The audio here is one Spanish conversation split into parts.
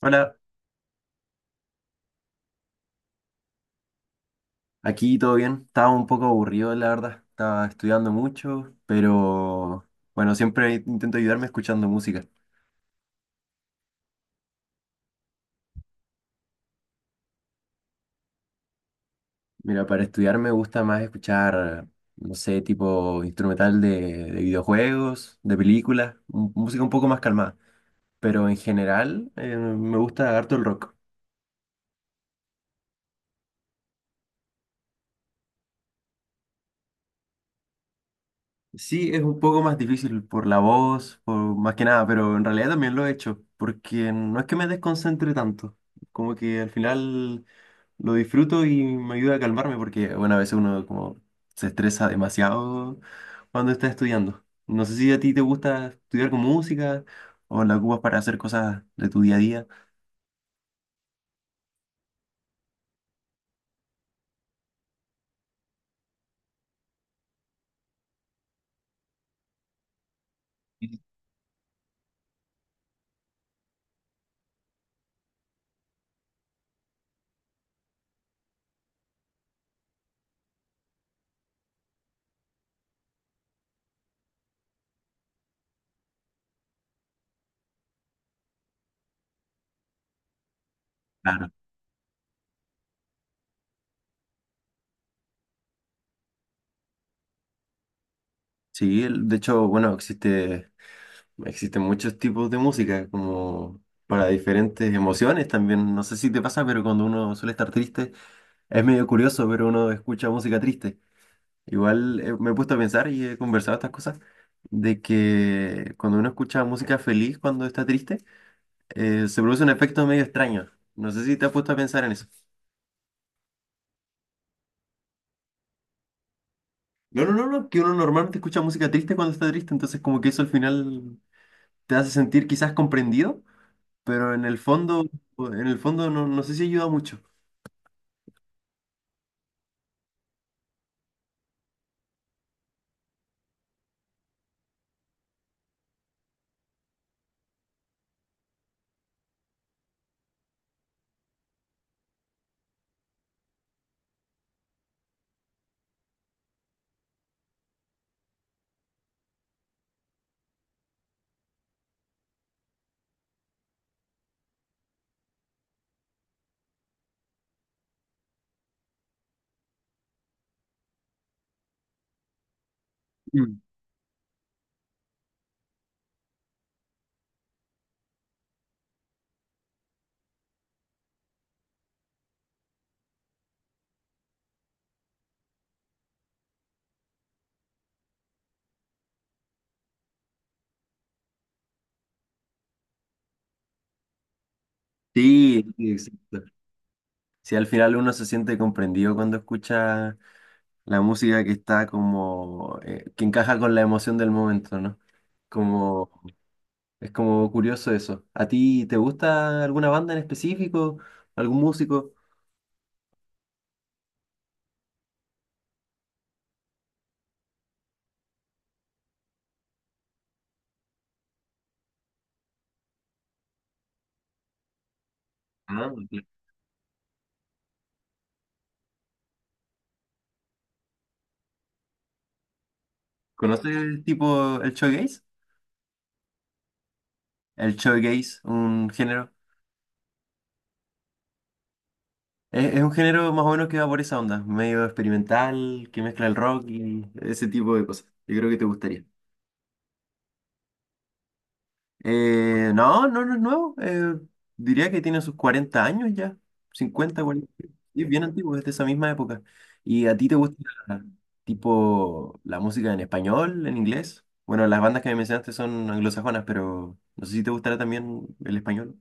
Hola, aquí todo bien. Estaba un poco aburrido, la verdad. Estaba estudiando mucho, pero bueno, siempre intento ayudarme escuchando música. Mira, para estudiar me gusta más escuchar, no sé, tipo instrumental de videojuegos, de películas, música un poco más calmada. Pero en general me gusta harto el rock. Sí, es un poco más difícil por la voz, por más que nada, pero en realidad también lo he hecho, porque no es que me desconcentre tanto. Como que al final lo disfruto y me ayuda a calmarme porque, bueno, a veces uno como se estresa demasiado cuando está estudiando. No sé si a ti te gusta estudiar con música o la ocupas para hacer cosas de tu día a día. Claro. Sí, de hecho, bueno, existen muchos tipos de música como para diferentes emociones también. No sé si te pasa, pero cuando uno suele estar triste, es medio curioso, pero uno escucha música triste. Igual me he puesto a pensar y he conversado estas cosas de que cuando uno escucha música feliz cuando está triste, se produce un efecto medio extraño. No sé si te has puesto a pensar en eso. No, no, no, no, que uno normalmente escucha música triste cuando está triste, entonces como que eso al final te hace sentir quizás comprendido, pero en el fondo no, no sé si ayuda mucho. Mm. Sí, sí, exacto. Si al final uno se siente comprendido cuando escucha la música que está como, que encaja con la emoción del momento, ¿no? Como, es como curioso eso. ¿A ti te gusta alguna banda en específico? ¿Algún músico? Ah, ok. ¿Conoces tipo el shoegaze? El shoegaze, un género. Es un género más o menos que va por esa onda, medio experimental, que mezcla el rock y ese tipo de cosas. Yo creo que te gustaría. No, no, no es nuevo. Diría que tiene sus 40 años ya. Cincuenta, 40. Y es bien antiguo, es de esa misma época. ¿Y a ti te gusta tipo la música en español, en inglés? Bueno, las bandas que me mencionaste son anglosajonas, pero no sé si te gustará también el español.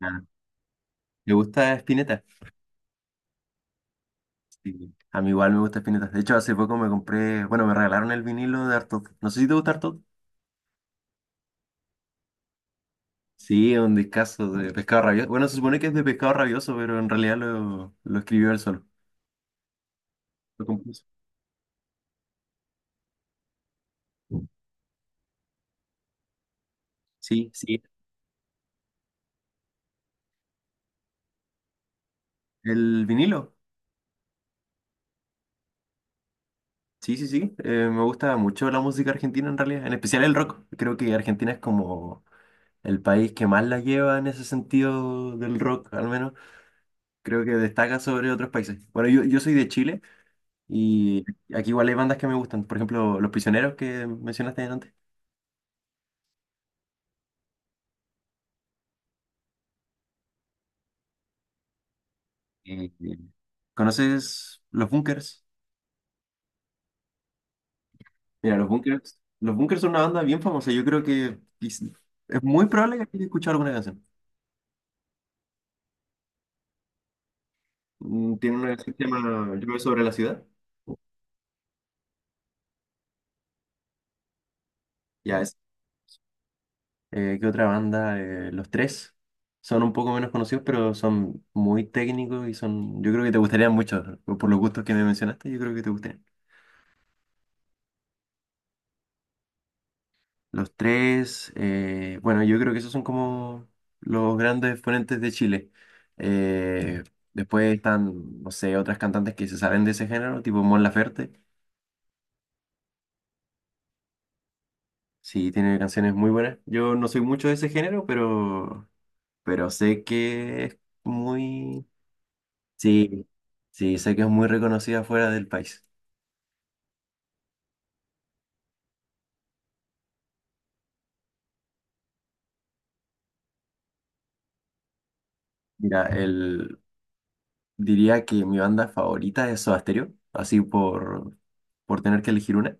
Ah, ¿te gusta Spinetta? Sí. A mí igual me gusta Spinetta. De hecho, hace poco me compré, bueno, me regalaron el vinilo de Artaud. No sé si te gusta. Sí, es un discazo de Pescado Rabioso. Bueno, se supone que es de Pescado Rabioso, pero en realidad lo escribió él solo. Lo compuso. Sí, sí. El vinilo. Sí, sí, sí. Me gusta mucho la música argentina en realidad, en especial el rock. Creo que Argentina es como el país que más la lleva en ese sentido del rock, al menos. Creo que destaca sobre otros países. Bueno, yo soy de Chile y aquí igual hay bandas que me gustan. Por ejemplo, Los Prisioneros que mencionaste antes. Eh, ¿Conoces Los Bunkers? Mira, los Bunkers son una banda bien famosa. Yo creo que es muy probable que hayas escuchado alguna canción. Mm, tiene una canción que se llama Llueve sobre la ciudad. Ya es. ¿Qué otra banda? Los Tres son un poco menos conocidos, pero son muy técnicos y son. Yo creo que te gustarían mucho. Por los gustos que me mencionaste, yo creo que te gustarían. Los Tres, bueno, yo creo que esos son como los grandes exponentes de Chile. Eh, después están, no sé, otras cantantes que se salen de ese género, tipo Mon Laferte. Sí, tiene canciones muy buenas. Yo no soy mucho de ese género, pero sé que es muy... Sí, sí, sé que es muy reconocida fuera del país. Mira, el... Diría que mi banda favorita es Soda Stereo, así por tener que elegir una.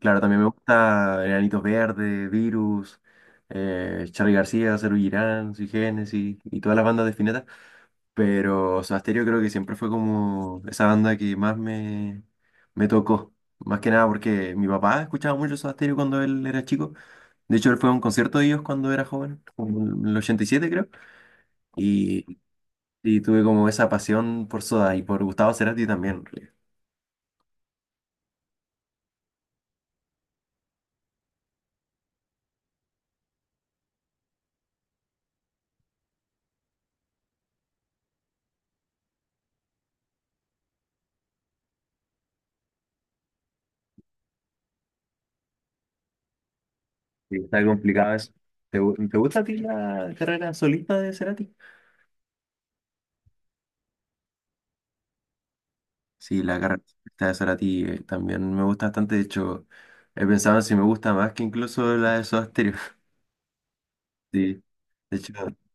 Claro, también me gusta Enanitos Verdes, Virus, Charly García, Serú Girán, Sui Generis y todas las bandas de Spinetta. Pero Sobasterio creo que siempre fue como esa banda que más me, me tocó. Más que nada porque mi papá escuchaba mucho Soda Stereo cuando él era chico. De hecho, él fue a un concierto de ellos cuando era joven, como en el 87 creo. Y, y tuve como esa pasión por Soda y por Gustavo Cerati también. En realidad. Sí, está complicado eso. ¿Te, te gusta a ti la carrera solista de Cerati? Sí, la carrera solista de Cerati también me gusta bastante. De hecho, he pensado en si me gusta más que incluso la de Soda Stereo. Sí, de hecho,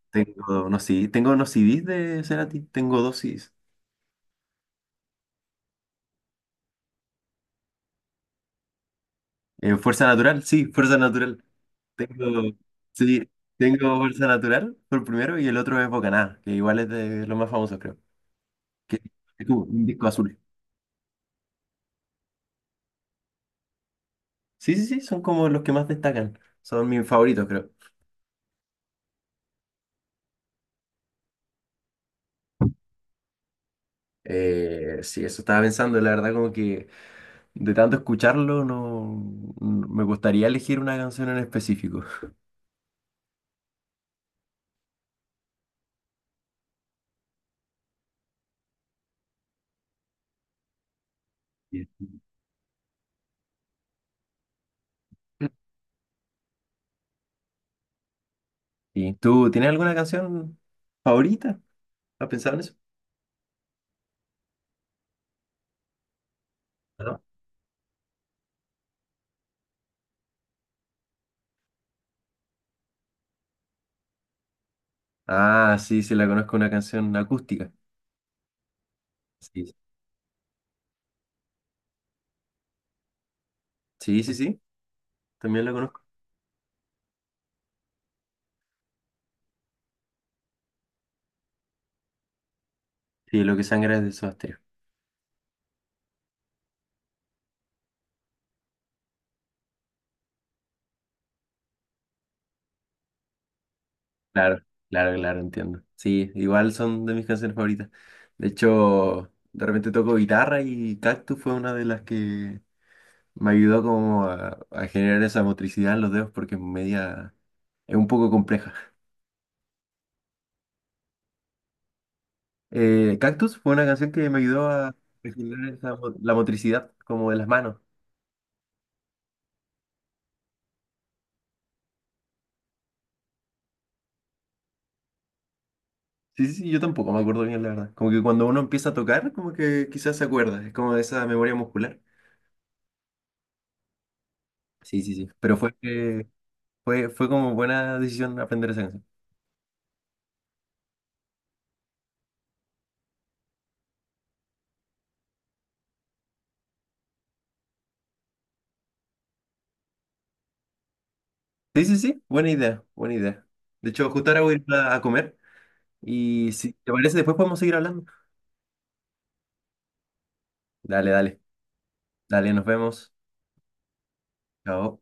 tengo, no, sí, tengo unos CDs de Cerati, tengo dos CDs. Fuerza Natural, sí, Fuerza Natural. Tengo, sí, tengo Fuerza Natural por el primero y el otro es Bocaná, que igual es de los más famosos, creo. Que que tuvo un disco azul. Sí, sí, sí, son como los que más destacan. Son mis favoritos, creo. Sí, eso estaba pensando, la verdad, como que de tanto escucharlo, me gustaría elegir una canción en específico. Bien. ¿Y tú tienes alguna canción favorita? ¿Has pensado en eso? ¿No? Ah, sí, sí, la conozco, una canción acústica. Sí, sí, sí, sí, también la conozco. Sí, Lo que sangra es de Soda Stereo. Claro, claro, claro, entiendo. Sí, igual son de mis canciones favoritas. De hecho, de repente toco guitarra y Cactus fue una de las que me ayudó como a generar esa motricidad en los dedos porque es media, es un poco compleja. Cactus fue una canción que me ayudó a generar esa la motricidad como de las manos. Sí, sí, sí, yo tampoco me acuerdo bien, la verdad. Como que cuando uno empieza a tocar, como que quizás se acuerda, es como de esa memoria muscular. Sí, sí, sí. Pero fue que fue como buena decisión aprender esa canción. Sí, sí, sí, buena idea, buena idea. De hecho, justo ahora voy a ir a comer y si te parece, después podemos seguir hablando. Dale, dale, dale, nos vemos. Chao.